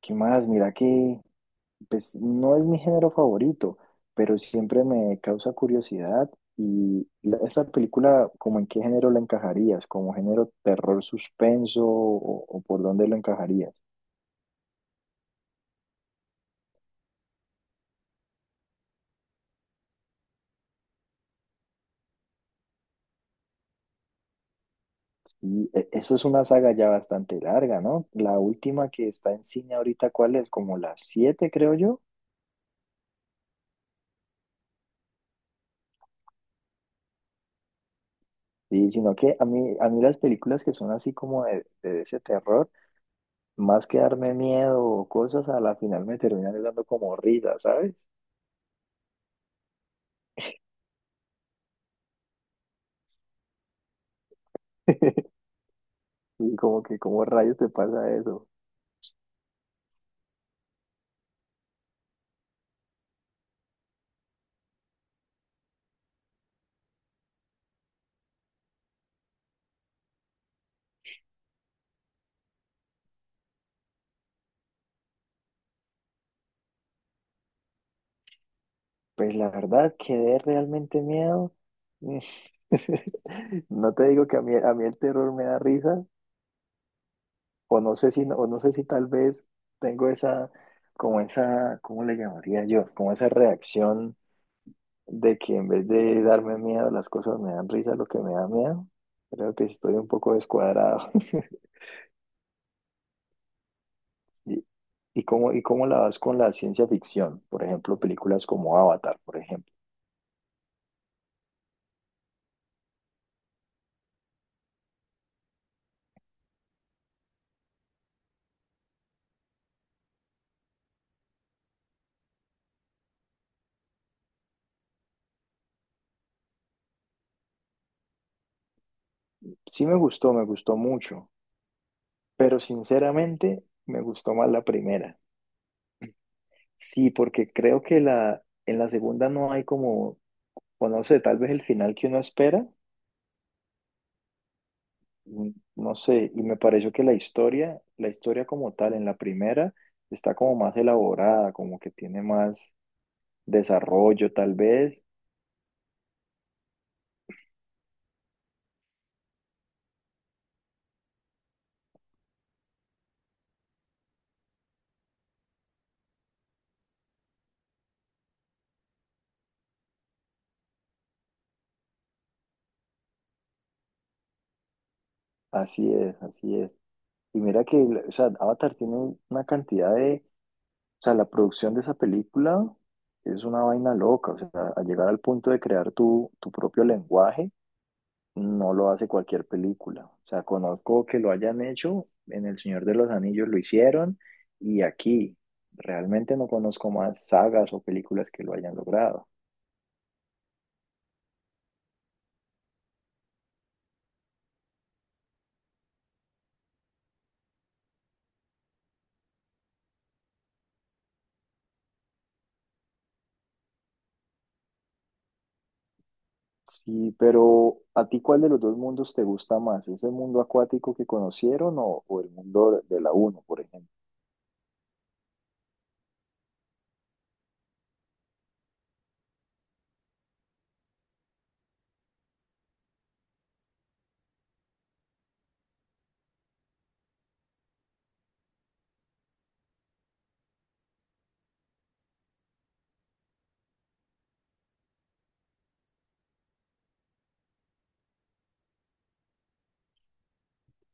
¿Qué más? Mira que pues no es mi género favorito, pero siempre me causa curiosidad. Y esta película, ¿como en qué género la encajarías? ¿Como género terror suspenso o por dónde lo encajarías? Y eso es una saga ya bastante larga, ¿no? La última que está en cine ahorita, ¿cuál es? Como las siete, creo yo. Y sino que a mí las películas que son así como de ese terror, más que darme miedo o cosas, a la final me terminan dando como risa, ¿sabes? Y como que, ¿cómo rayos te pasa eso? Pues la verdad, quedé realmente miedo. Mm. No te digo que a mí el terror me da risa, o no sé si, no, o no sé si tal vez tengo esa, como esa, ¿cómo le llamaría yo? Como esa reacción de que en vez de darme miedo, las cosas me dan risa, lo que me da miedo. Creo que estoy un poco descuadrado. ¿Y, y cómo la vas con la ciencia ficción? Por ejemplo, películas como Avatar, por ejemplo. Sí me gustó mucho, pero sinceramente me gustó más la primera. Sí, porque creo que la, en la segunda no hay como, o no sé, tal vez el final que uno espera, mm, no sé, y me pareció que la historia como tal en la primera está como más elaborada, como que tiene más desarrollo tal vez. Así es, así es. Y mira que, o sea, Avatar tiene una cantidad de. O sea, la producción de esa película es una vaina loca. O sea, a llegar al punto de crear tu propio lenguaje, no lo hace cualquier película. O sea, conozco que lo hayan hecho, en El Señor de los Anillos lo hicieron, y aquí realmente no conozco más sagas o películas que lo hayan logrado. Sí, pero ¿a ti cuál de los dos mundos te gusta más? ¿Ese mundo acuático que conocieron o el mundo de la uno, por ejemplo?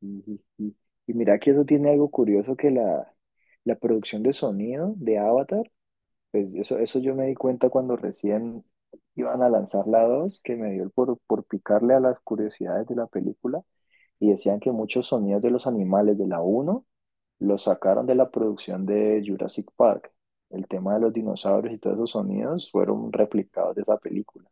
Sí, sí, sí. Y mira que eso tiene algo curioso que la producción de sonido de Avatar, pues eso yo me di cuenta cuando recién iban a lanzar la dos, que me dio por picarle a las curiosidades de la película y decían que muchos sonidos de los animales de la uno los sacaron de la producción de Jurassic Park. El tema de los dinosaurios y todos esos sonidos fueron replicados de esa película.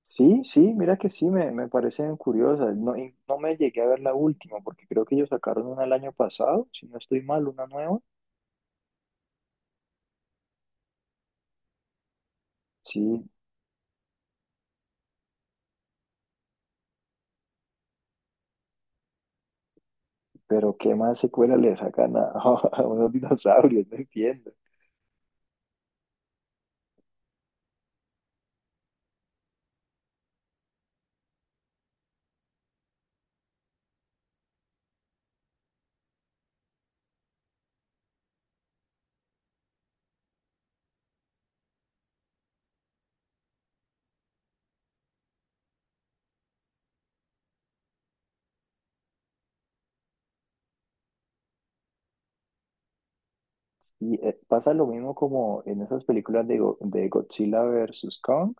Sí, sí, mira que sí, me parecen curiosas. No, y no me llegué a ver la última, porque creo que ellos sacaron una el año pasado, si no estoy mal, una nueva. Sí, pero ¿qué más secuela le sacan a, a unos dinosaurios? No entiendo. Y pasa lo mismo como en esas películas de, de Godzilla versus Kong,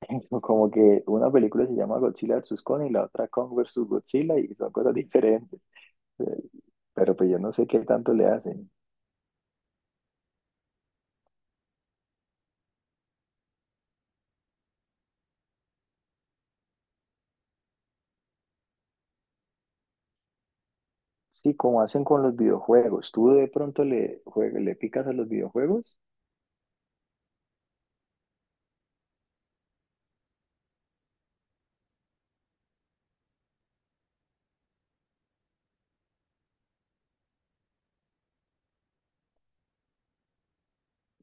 como que una película se llama Godzilla versus Kong y la otra Kong versus Godzilla y son cosas diferentes. Eh, Pero pues yo no sé qué tanto le hacen. Sí, como hacen con los videojuegos. Tú de pronto le picas a los videojuegos,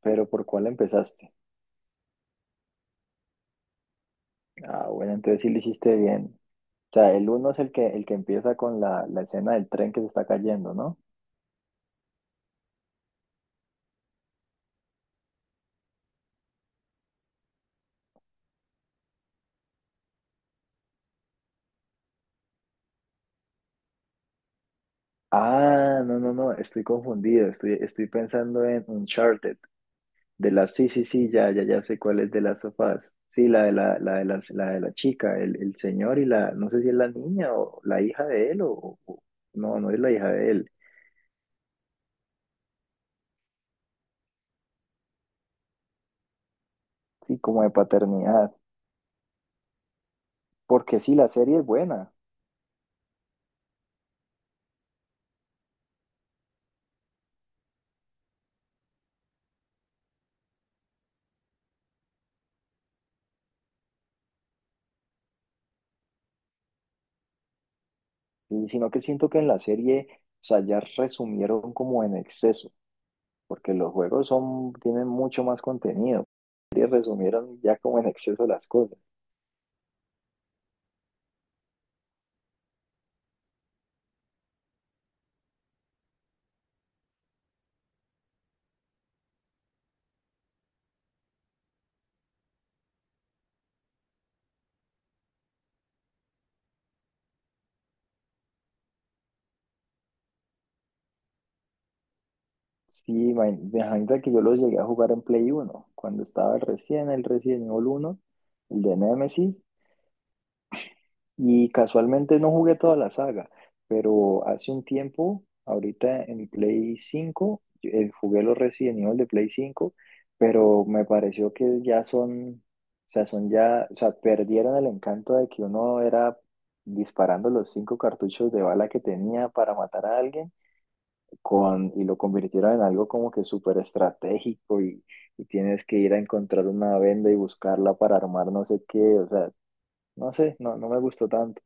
pero ¿por cuál empezaste? Ah, bueno, entonces sí lo hiciste bien. O sea, el uno es el que empieza con la escena del tren que se está cayendo, ¿no? Ah, no, no, no, estoy confundido. Estoy pensando en Uncharted. De la, sí, sí, sí, ya, ya, ya sé cuál es de las sofás. Sí, la de la la, de la chica, el señor y la, no sé si es la niña o la hija de él no, no es la hija de él. Sí, como de paternidad. Porque sí, la serie es buena, sino que siento que en la serie, o sea, ya resumieron como en exceso, porque los juegos son, tienen mucho más contenido, y resumieron ya como en exceso las cosas. Sí, imagínate que yo los llegué a jugar en Play uno cuando estaba el recién, el Resident Evil 1, el de Nemesis. Y casualmente no jugué toda la saga, pero hace un tiempo, ahorita en mi Play 5 jugué los Resident Evil de Play cinco, pero me pareció que ya son, o sea, son ya, o sea, perdieron el encanto de que uno era disparando los cinco cartuchos de bala que tenía para matar a alguien con, y lo convirtieron en algo como que súper estratégico y tienes que ir a encontrar una venda y buscarla para armar no sé qué, o sea, no sé, no, no me gustó tanto.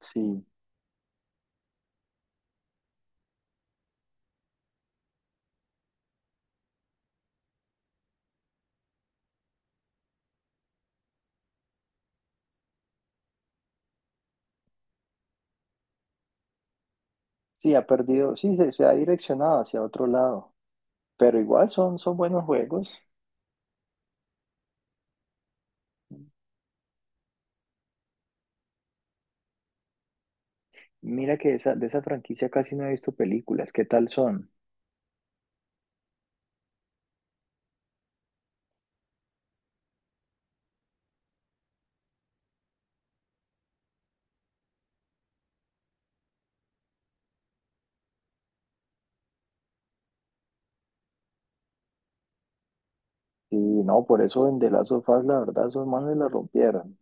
Sí. Sí, ha perdido, sí, se ha direccionado hacia otro lado, pero igual son, son buenos juegos. Mira que esa, de esa franquicia casi no he visto películas, ¿qué tal son? Y no, por eso en The Last of Us, la verdad, esos manes la rompieron,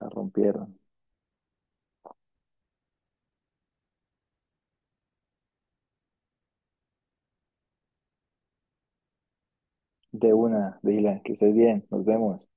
la rompieron. De una, Dylan, que estés bien, nos vemos.